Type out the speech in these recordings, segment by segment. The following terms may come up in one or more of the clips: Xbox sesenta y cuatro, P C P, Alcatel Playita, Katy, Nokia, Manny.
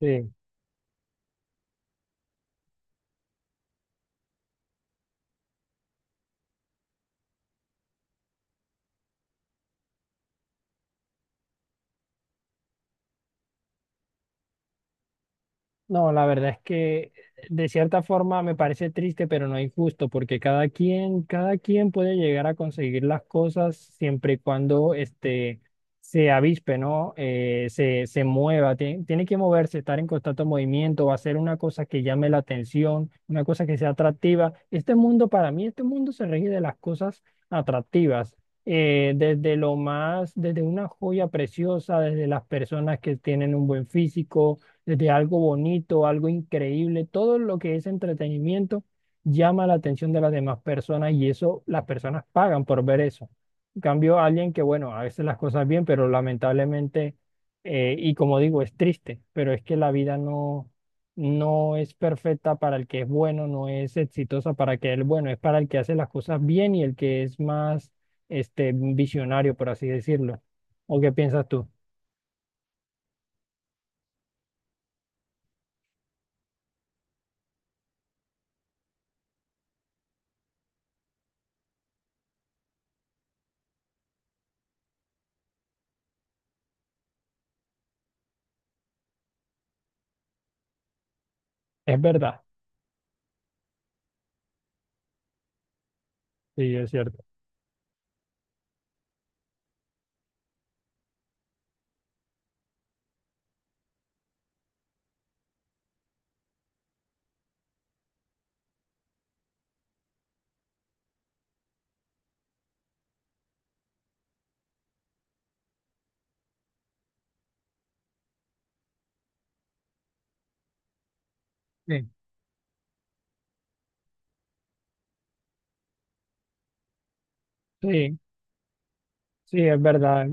Sí, no, la verdad es que de cierta forma me parece triste, pero no injusto, porque cada quien puede llegar a conseguir las cosas siempre y cuando se avispe, ¿no? Se mueva, tiene que moverse, estar en constante movimiento, hacer una cosa que llame la atención, una cosa que sea atractiva. Este mundo, para mí, este mundo se rige de las cosas atractivas, desde lo más, desde una joya preciosa, desde las personas que tienen un buen físico, desde algo bonito, algo increíble, todo lo que es entretenimiento llama la atención de las demás personas y eso las personas pagan por ver eso. En cambio, alguien que, bueno, a veces las cosas bien, pero lamentablemente, y como digo, es triste, pero es que la vida no, no es perfecta para el que es bueno, no es exitosa para que el bueno, es para el que hace las cosas bien y el que es más, visionario, por así decirlo. ¿O qué piensas tú? Es verdad. Sí, es cierto. Sí. Sí. Sí, es verdad.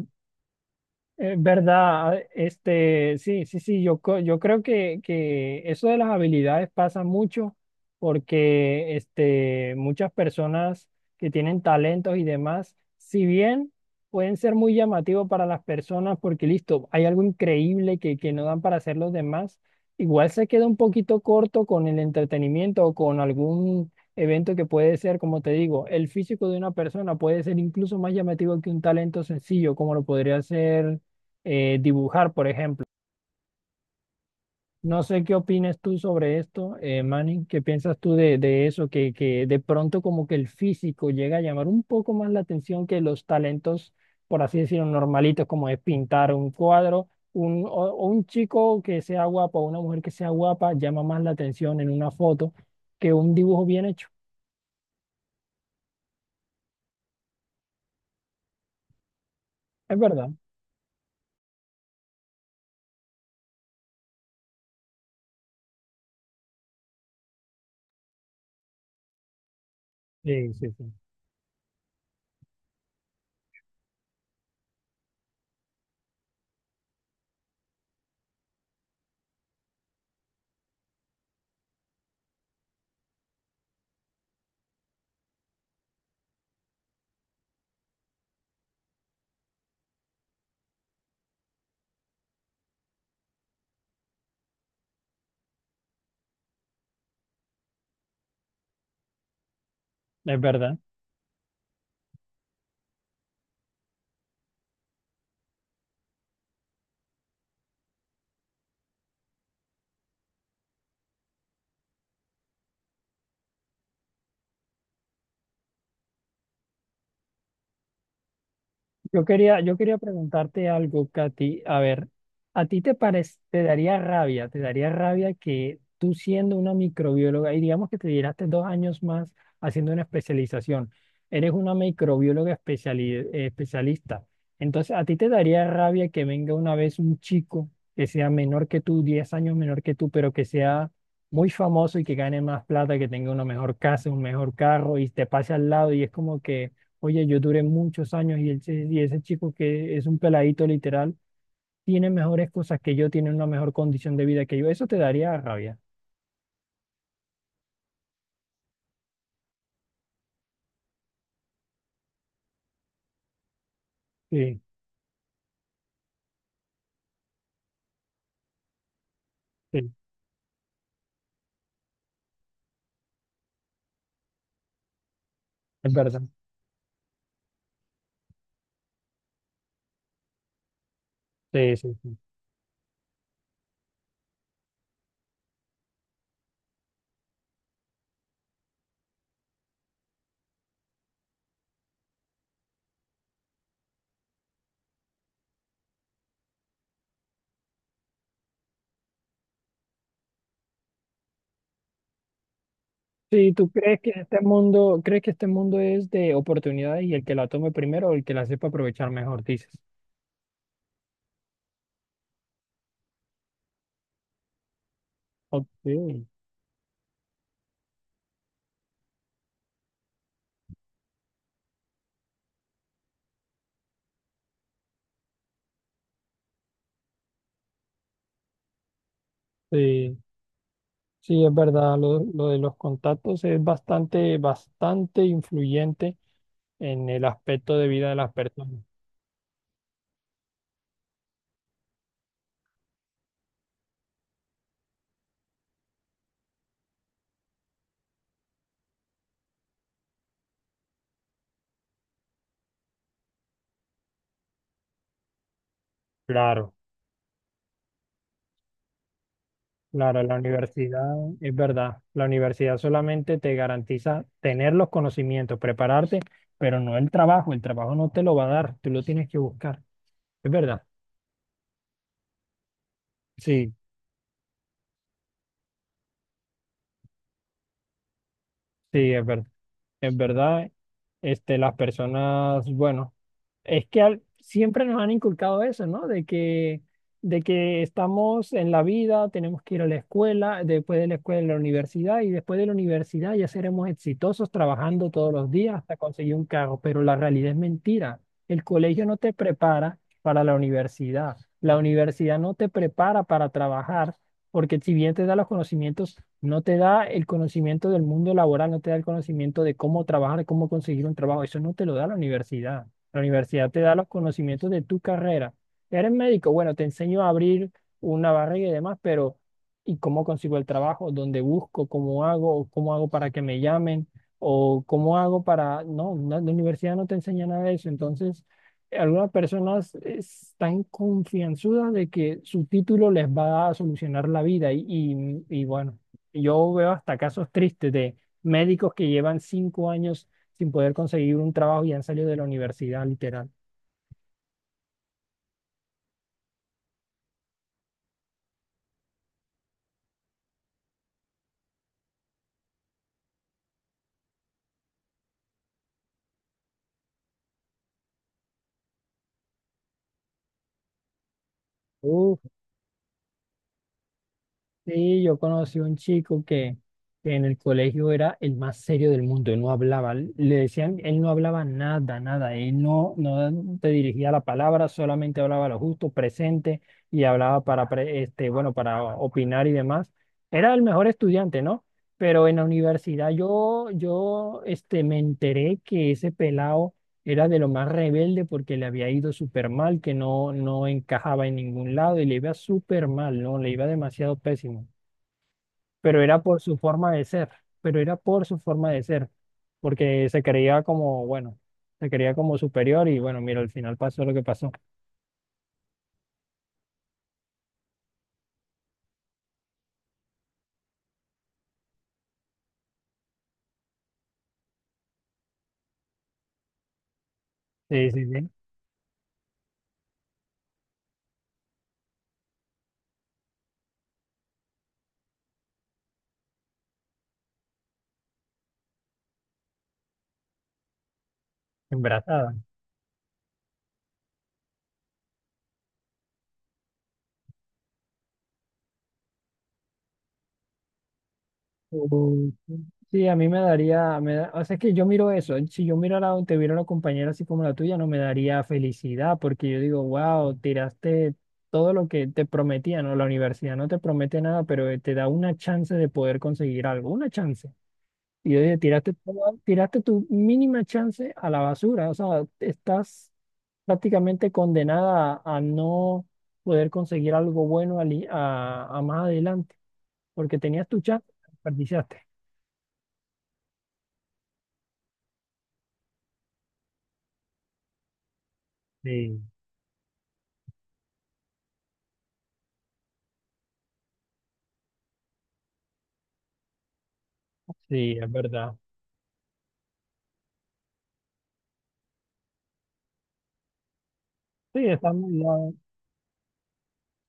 Sí, sí, sí, yo creo que eso de las habilidades pasa mucho porque muchas personas que tienen talentos y demás, si bien pueden ser muy llamativos para las personas porque listo, hay algo increíble que no dan para hacer los demás, igual se queda un poquito corto con el entretenimiento o con algún evento que puede ser, como te digo, el físico de una persona puede ser incluso más llamativo que un talento sencillo, como lo podría ser dibujar, por ejemplo. No sé qué opinas tú sobre esto, Manny. ¿Qué piensas tú de eso? Que de pronto como que el físico llega a llamar un poco más la atención que los talentos, por así decirlo, normalitos, como es pintar un cuadro. O un chico que sea guapo o una mujer que sea guapa llama más la atención en una foto que un dibujo bien hecho. Es verdad. Sí, sí, sí. Es verdad. Yo quería preguntarte algo, Katy. A ver, ¿a ti te parece, te daría rabia que tú siendo una microbióloga, y digamos que te diraste dos años más haciendo una especialización, eres una microbióloga especialista. Entonces, ¿a ti te daría rabia que venga una vez un chico que sea menor que tú, 10 años menor que tú, pero que sea muy famoso y que gane más plata, que tenga una mejor casa, un mejor carro y te pase al lado y es como que...? Oye, yo duré muchos años y, y ese chico que es un peladito literal tiene mejores cosas que yo, tiene una mejor condición de vida que yo. Eso te daría rabia. Sí, sí, es verdad. Sí, sí, sí. Sí, ¿tú crees que crees que este mundo es de oportunidades y el que la tome primero o el que la sepa aprovechar mejor, dices? Ok, sí, sí, es verdad. Lo de los contactos es bastante influyente en el aspecto de vida de las personas. Claro. Claro, la universidad es verdad. La universidad solamente te garantiza tener los conocimientos, prepararte, pero no el trabajo. El trabajo no te lo va a dar, tú lo tienes que buscar. Es verdad. Sí, sí, es verdad. En verdad, las personas, bueno, es que siempre nos han inculcado eso, ¿no? De que estamos en la vida, tenemos que ir a la escuela, después de la escuela a la universidad y después de la universidad ya seremos exitosos trabajando todos los días hasta conseguir un cargo, pero la realidad es mentira. El colegio no te prepara para la universidad no te prepara para trabajar porque si bien te da los conocimientos, no te da el conocimiento del mundo laboral, no te da el conocimiento de cómo trabajar, cómo conseguir un trabajo. Eso no te lo da la universidad. La universidad te da los conocimientos de tu carrera. Eres médico, bueno, te enseño a abrir una barriga y demás, pero ¿y cómo consigo el trabajo? ¿Dónde busco? ¿Cómo hago? ¿O ¿cómo hago para que me llamen? ¿O cómo hago para...? No, no, la universidad no te enseña nada de eso. Entonces algunas personas están confianzudas de que su título les va a solucionar la vida y, y bueno, yo veo hasta casos tristes de médicos que llevan 5 años sin poder conseguir un trabajo y han salido de la universidad, literal. Sí, yo conocí un chico que en el colegio era el más serio del mundo, él no hablaba, le decían, él no hablaba nada, nada, él no, no te dirigía la palabra, solamente hablaba lo justo, presente, y hablaba para, bueno, para opinar y demás. Era el mejor estudiante, ¿no? Pero en la universidad me enteré que ese pelado era de lo más rebelde porque le había ido súper mal, que no encajaba en ningún lado y le iba súper mal, ¿no? Le iba demasiado pésimo. Pero era por su forma de ser, pero era por su forma de ser, porque se creía como, bueno, se creía como superior y bueno, mira, al final pasó lo que pasó. Sí, sí, sí, embarazada. O- Sí, a mí me daría, o sea, es que yo miro eso, ¿eh? Si yo mirara o te viera una compañera así como la tuya, no me daría felicidad, porque yo digo, wow, tiraste todo lo que te prometía, ¿no? La universidad no te promete nada, pero te da una chance de poder conseguir algo, una chance. Y yo dije, tiraste, tiraste tu mínima chance a la basura, o sea, estás prácticamente condenada a no poder conseguir algo bueno a más adelante, porque tenías tu chance, la desperdiciaste. Sí, es verdad. Sí, está muy mal.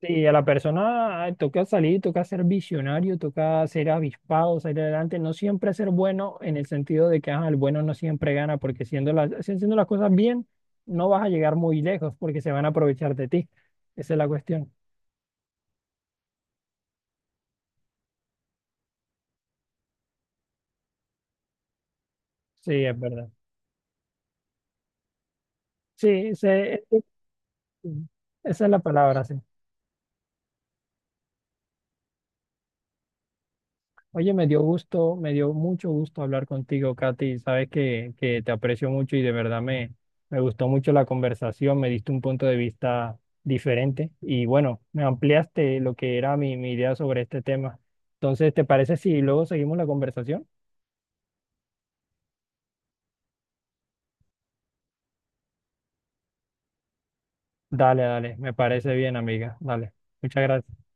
Sí, a la persona ay, toca salir, toca ser visionario, toca ser avispado, salir adelante, no siempre ser bueno en el sentido de que ajá, el bueno no siempre gana, porque siendo las, si- haciendo las cosas bien, no vas a llegar muy lejos porque se van a aprovechar de ti. Esa es la cuestión. Sí, es verdad. Sí, se- esa es la palabra, sí. Oye, me dio gusto, me dio mucho gusto hablar contigo, Katy. Sabes que te aprecio mucho y de verdad me gustó mucho la conversación, me diste un punto de vista diferente y bueno, me ampliaste lo que era mi idea sobre este tema. Entonces, ¿te parece si luego seguimos la conversación? Dale, me parece bien, amiga. Dale, muchas gracias.